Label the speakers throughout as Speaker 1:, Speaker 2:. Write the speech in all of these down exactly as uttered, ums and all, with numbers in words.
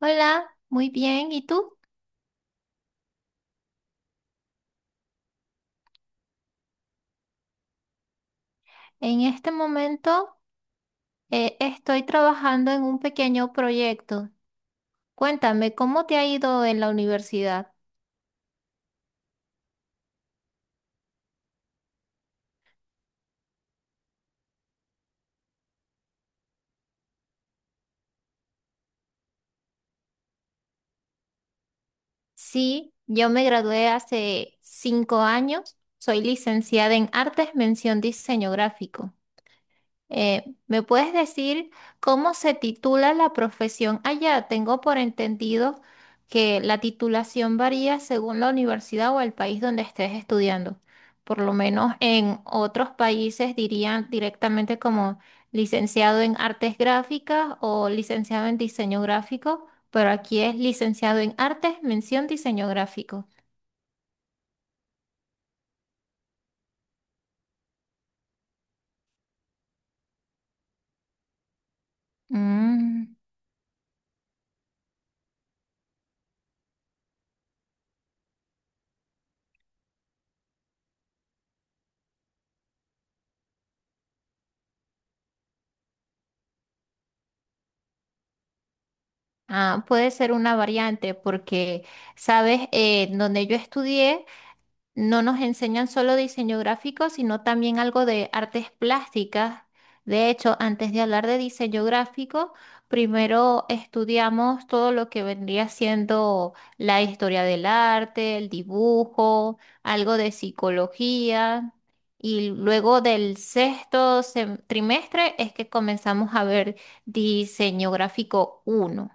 Speaker 1: Hola, muy bien. ¿Y tú? En este momento eh, estoy trabajando en un pequeño proyecto. Cuéntame, ¿cómo te ha ido en la universidad? Sí, yo me gradué hace cinco años. Soy licenciada en Artes, mención diseño gráfico. Eh, ¿me puedes decir cómo se titula la profesión allá? Tengo por entendido que la titulación varía según la universidad o el país donde estés estudiando. Por lo menos en otros países dirían directamente como licenciado en artes gráficas o licenciado en diseño gráfico, pero aquí es licenciado en artes, mención diseño gráfico. Mm. Ah, puede ser una variante porque, sabes, Eh, donde yo estudié no nos enseñan solo diseño gráfico, sino también algo de artes plásticas. De hecho, antes de hablar de diseño gráfico, primero estudiamos todo lo que vendría siendo la historia del arte, el dibujo, algo de psicología. Y luego del sexto sem- trimestre es que comenzamos a ver diseño gráfico uno.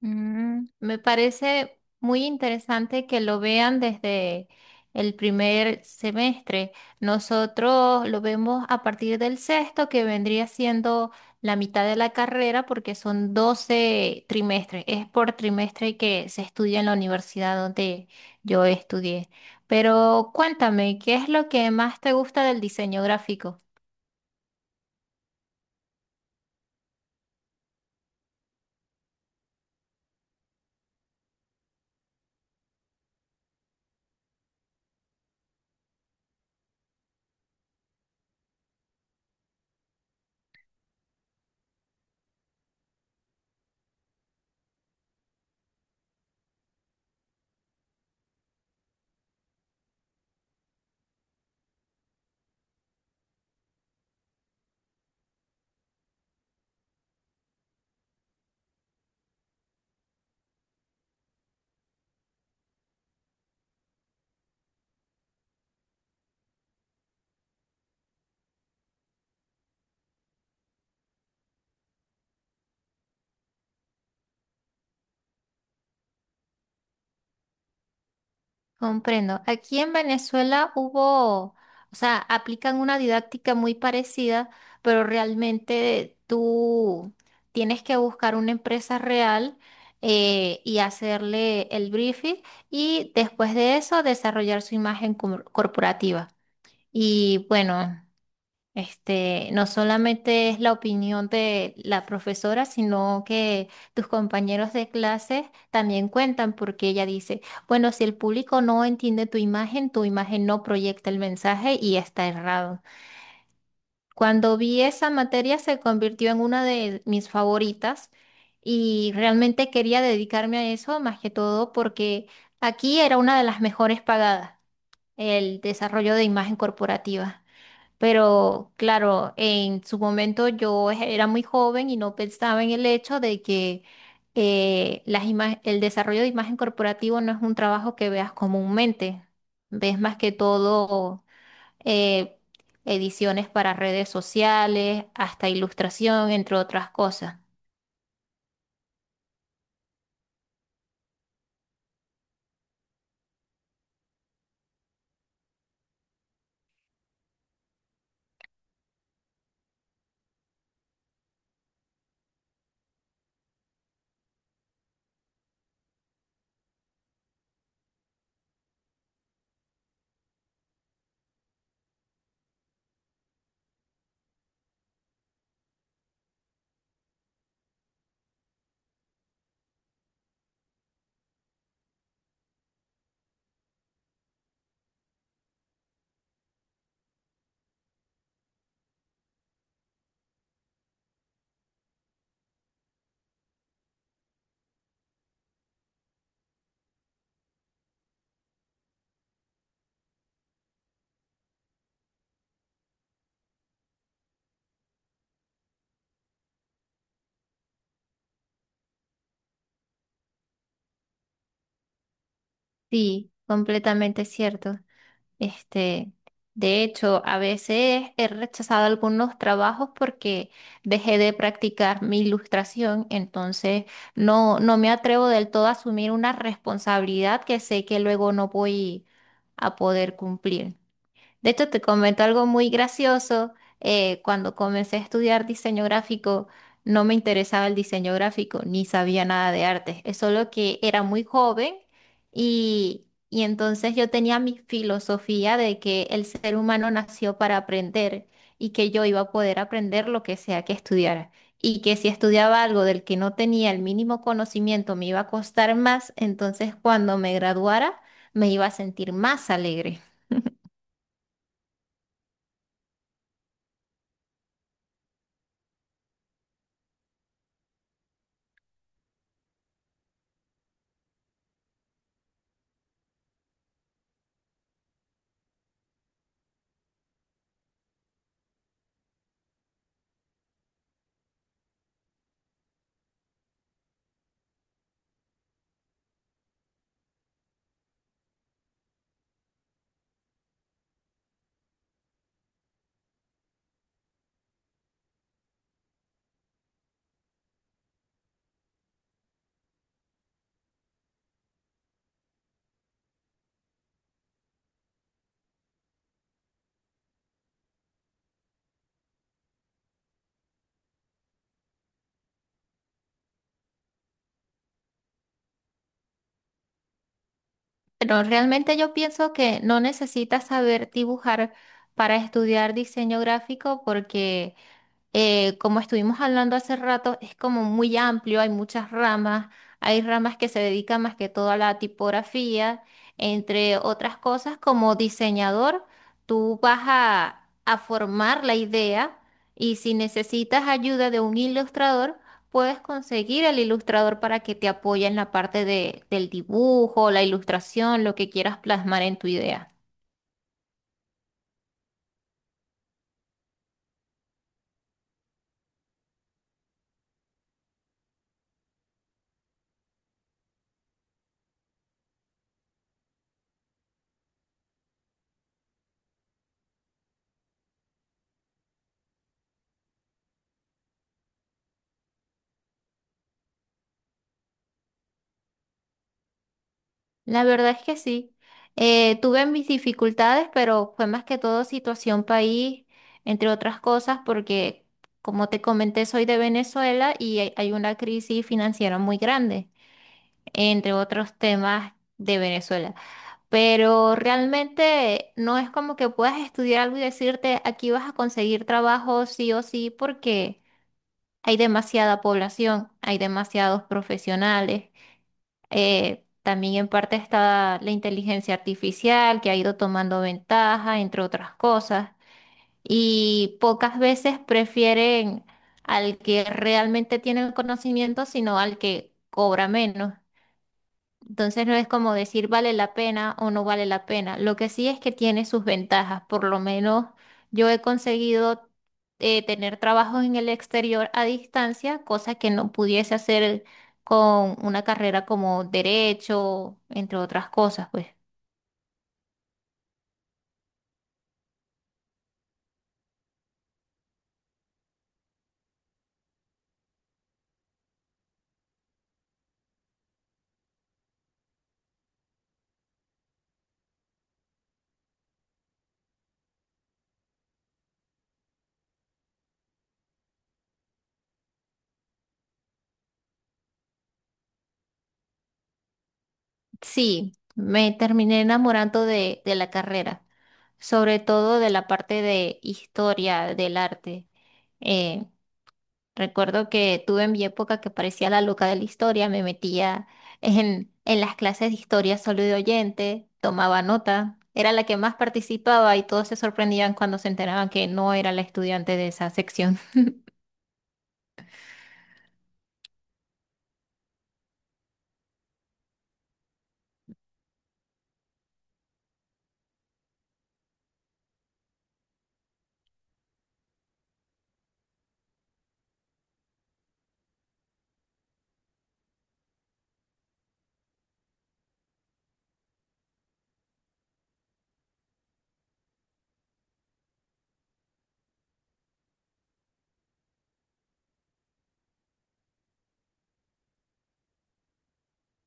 Speaker 1: Mm, me parece muy interesante que lo vean desde el primer semestre. Nosotros lo vemos a partir del sexto, que vendría siendo la mitad de la carrera, porque son doce trimestres. Es por trimestre que se estudia en la universidad donde yo estudié. Pero cuéntame, ¿qué es lo que más te gusta del diseño gráfico? Comprendo. Aquí en Venezuela hubo, o sea, aplican una didáctica muy parecida, pero realmente tú tienes que buscar una empresa real eh, y hacerle el briefing y después de eso desarrollar su imagen cor- corporativa. Y bueno, este, no solamente es la opinión de la profesora, sino que tus compañeros de clase también cuentan porque ella dice, bueno, si el público no entiende tu imagen, tu imagen no proyecta el mensaje y está errado. Cuando vi esa materia se convirtió en una de mis favoritas y realmente quería dedicarme a eso más que todo porque aquí era una de las mejores pagadas, el desarrollo de imagen corporativa. Pero claro, en su momento yo era muy joven y no pensaba en el hecho de que eh, las ima- el desarrollo de imagen corporativo no es un trabajo que veas comúnmente. Ves más que todo eh, ediciones para redes sociales, hasta ilustración, entre otras cosas. Sí, completamente cierto. Este, de hecho, a veces he rechazado algunos trabajos porque dejé de practicar mi ilustración, entonces no, no me atrevo del todo a asumir una responsabilidad que sé que luego no voy a poder cumplir. De hecho, te comento algo muy gracioso. eh, cuando comencé a estudiar diseño gráfico, no me interesaba el diseño gráfico, ni sabía nada de arte. Es solo que era muy joven y, y entonces yo tenía mi filosofía de que el ser humano nació para aprender y que yo iba a poder aprender lo que sea que estudiara. Y que si estudiaba algo del que no tenía el mínimo conocimiento me iba a costar más, entonces cuando me graduara me iba a sentir más alegre. Pero realmente yo pienso que no necesitas saber dibujar para estudiar diseño gráfico porque eh, como estuvimos hablando hace rato, es como muy amplio, hay muchas ramas, hay ramas que se dedican más que todo a la tipografía, entre otras cosas, como diseñador, tú vas a, a formar la idea y si necesitas ayuda de un ilustrador, puedes conseguir al ilustrador para que te apoye en la parte de- del dibujo, la ilustración, lo que quieras plasmar en tu idea. La verdad es que sí. Eh, tuve mis dificultades, pero fue más que todo situación país, entre otras cosas, porque como te comenté, soy de Venezuela y hay, hay una crisis financiera muy grande, entre otros temas de Venezuela. Pero realmente no es como que puedas estudiar algo y decirte, aquí vas a conseguir trabajo sí o sí, porque hay demasiada población, hay demasiados profesionales. Eh, también en parte está la inteligencia artificial que ha ido tomando ventaja, entre otras cosas, y pocas veces prefieren al que realmente tiene el conocimiento, sino al que cobra menos. Entonces no es como decir vale la pena o no vale la pena. Lo que sí es que tiene sus ventajas. Por lo menos yo he conseguido eh, tener trabajos en el exterior a distancia, cosa que no pudiese hacer con una carrera como derecho, entre otras cosas, pues. Sí, me terminé enamorando de, de la carrera, sobre todo de la parte de historia del arte. Eh, Recuerdo que tuve en mi época que parecía la loca de la historia, me metía en, en las clases de historia solo de oyente, tomaba nota, era la que más participaba y todos se sorprendían cuando se enteraban que no era la estudiante de esa sección.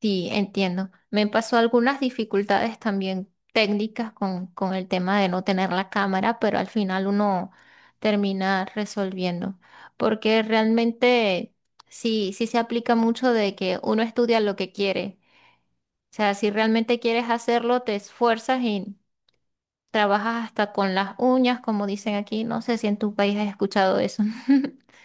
Speaker 1: Sí, entiendo. Me pasó algunas dificultades también técnicas con, con el tema de no tener la cámara, pero al final uno termina resolviendo, porque realmente sí, sí se aplica mucho de que uno estudia lo que quiere. O sea, si realmente quieres hacerlo, te esfuerzas y trabajas hasta con las uñas, como dicen aquí. No sé si en tu país has escuchado eso.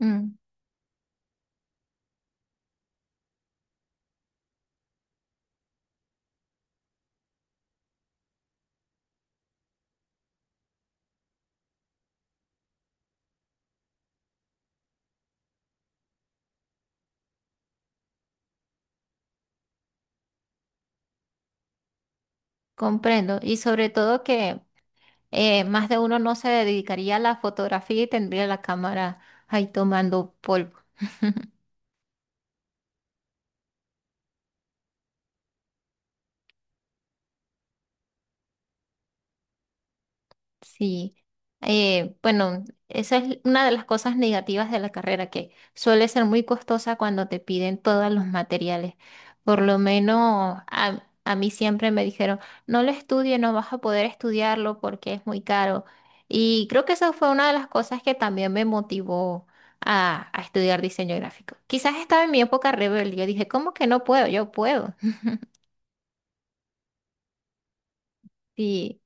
Speaker 1: Mm, comprendo. Y sobre todo que eh, más de uno no se dedicaría a la fotografía y tendría la cámara ahí tomando polvo. Sí, eh, bueno, esa es una de las cosas negativas de la carrera, que suele ser muy costosa cuando te piden todos los materiales. Por lo menos a, a mí siempre me dijeron, no lo estudie, no vas a poder estudiarlo porque es muy caro. Y creo que esa fue una de las cosas que también me motivó a, a estudiar diseño gráfico. Quizás estaba en mi época rebelde, yo dije, ¿cómo que no puedo? Yo puedo. Sí,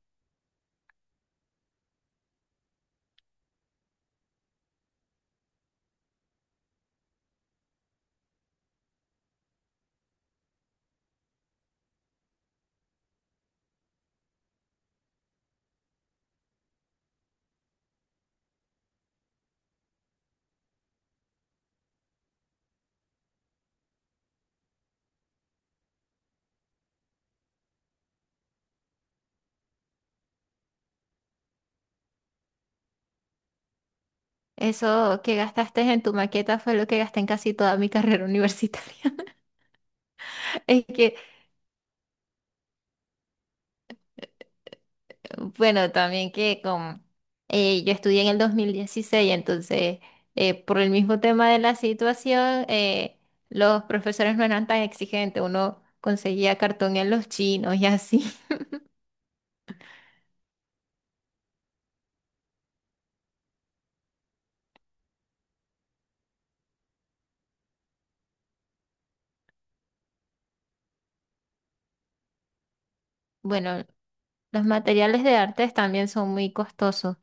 Speaker 1: eso que gastaste en tu maqueta fue lo que gasté en casi toda mi carrera universitaria. Es que, bueno, también que como eh, yo estudié en el dos mil dieciséis entonces eh, por el mismo tema de la situación, eh, los profesores no eran tan exigentes, uno conseguía cartón en los chinos y así. Bueno, los materiales de artes también son muy costosos.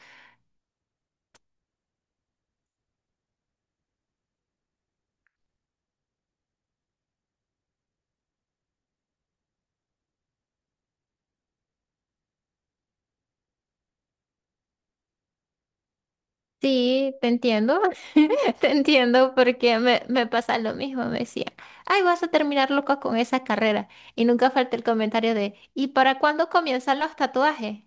Speaker 1: Sí, te entiendo, te entiendo porque me, me pasa lo mismo, me decían, ay, vas a terminar loco con esa carrera. Y nunca falta el comentario de, ¿y para cuándo comienzan los tatuajes?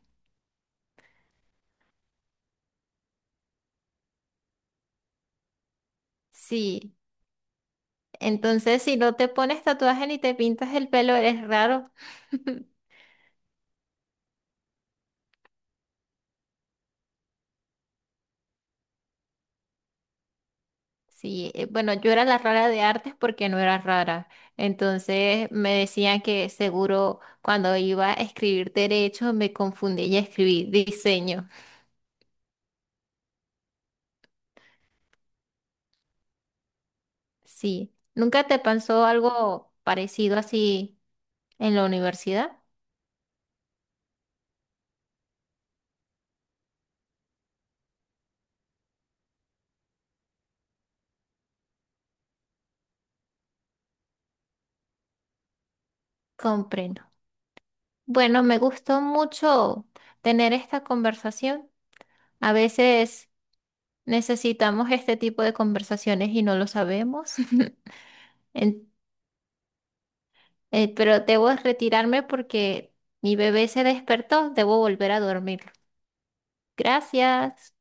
Speaker 1: Sí. Entonces, si no te pones tatuaje ni te pintas el pelo, eres raro. Sí, eh, bueno, yo era la rara de artes porque no era rara. Entonces me decían que seguro cuando iba a escribir derecho me confundí y escribí diseño. Sí, ¿nunca te pasó algo parecido así en la universidad? Comprendo. Bueno, me gustó mucho tener esta conversación. A veces necesitamos este tipo de conversaciones y no lo sabemos. En- eh, pero debo retirarme porque mi bebé se despertó, debo volver a dormirlo. Gracias.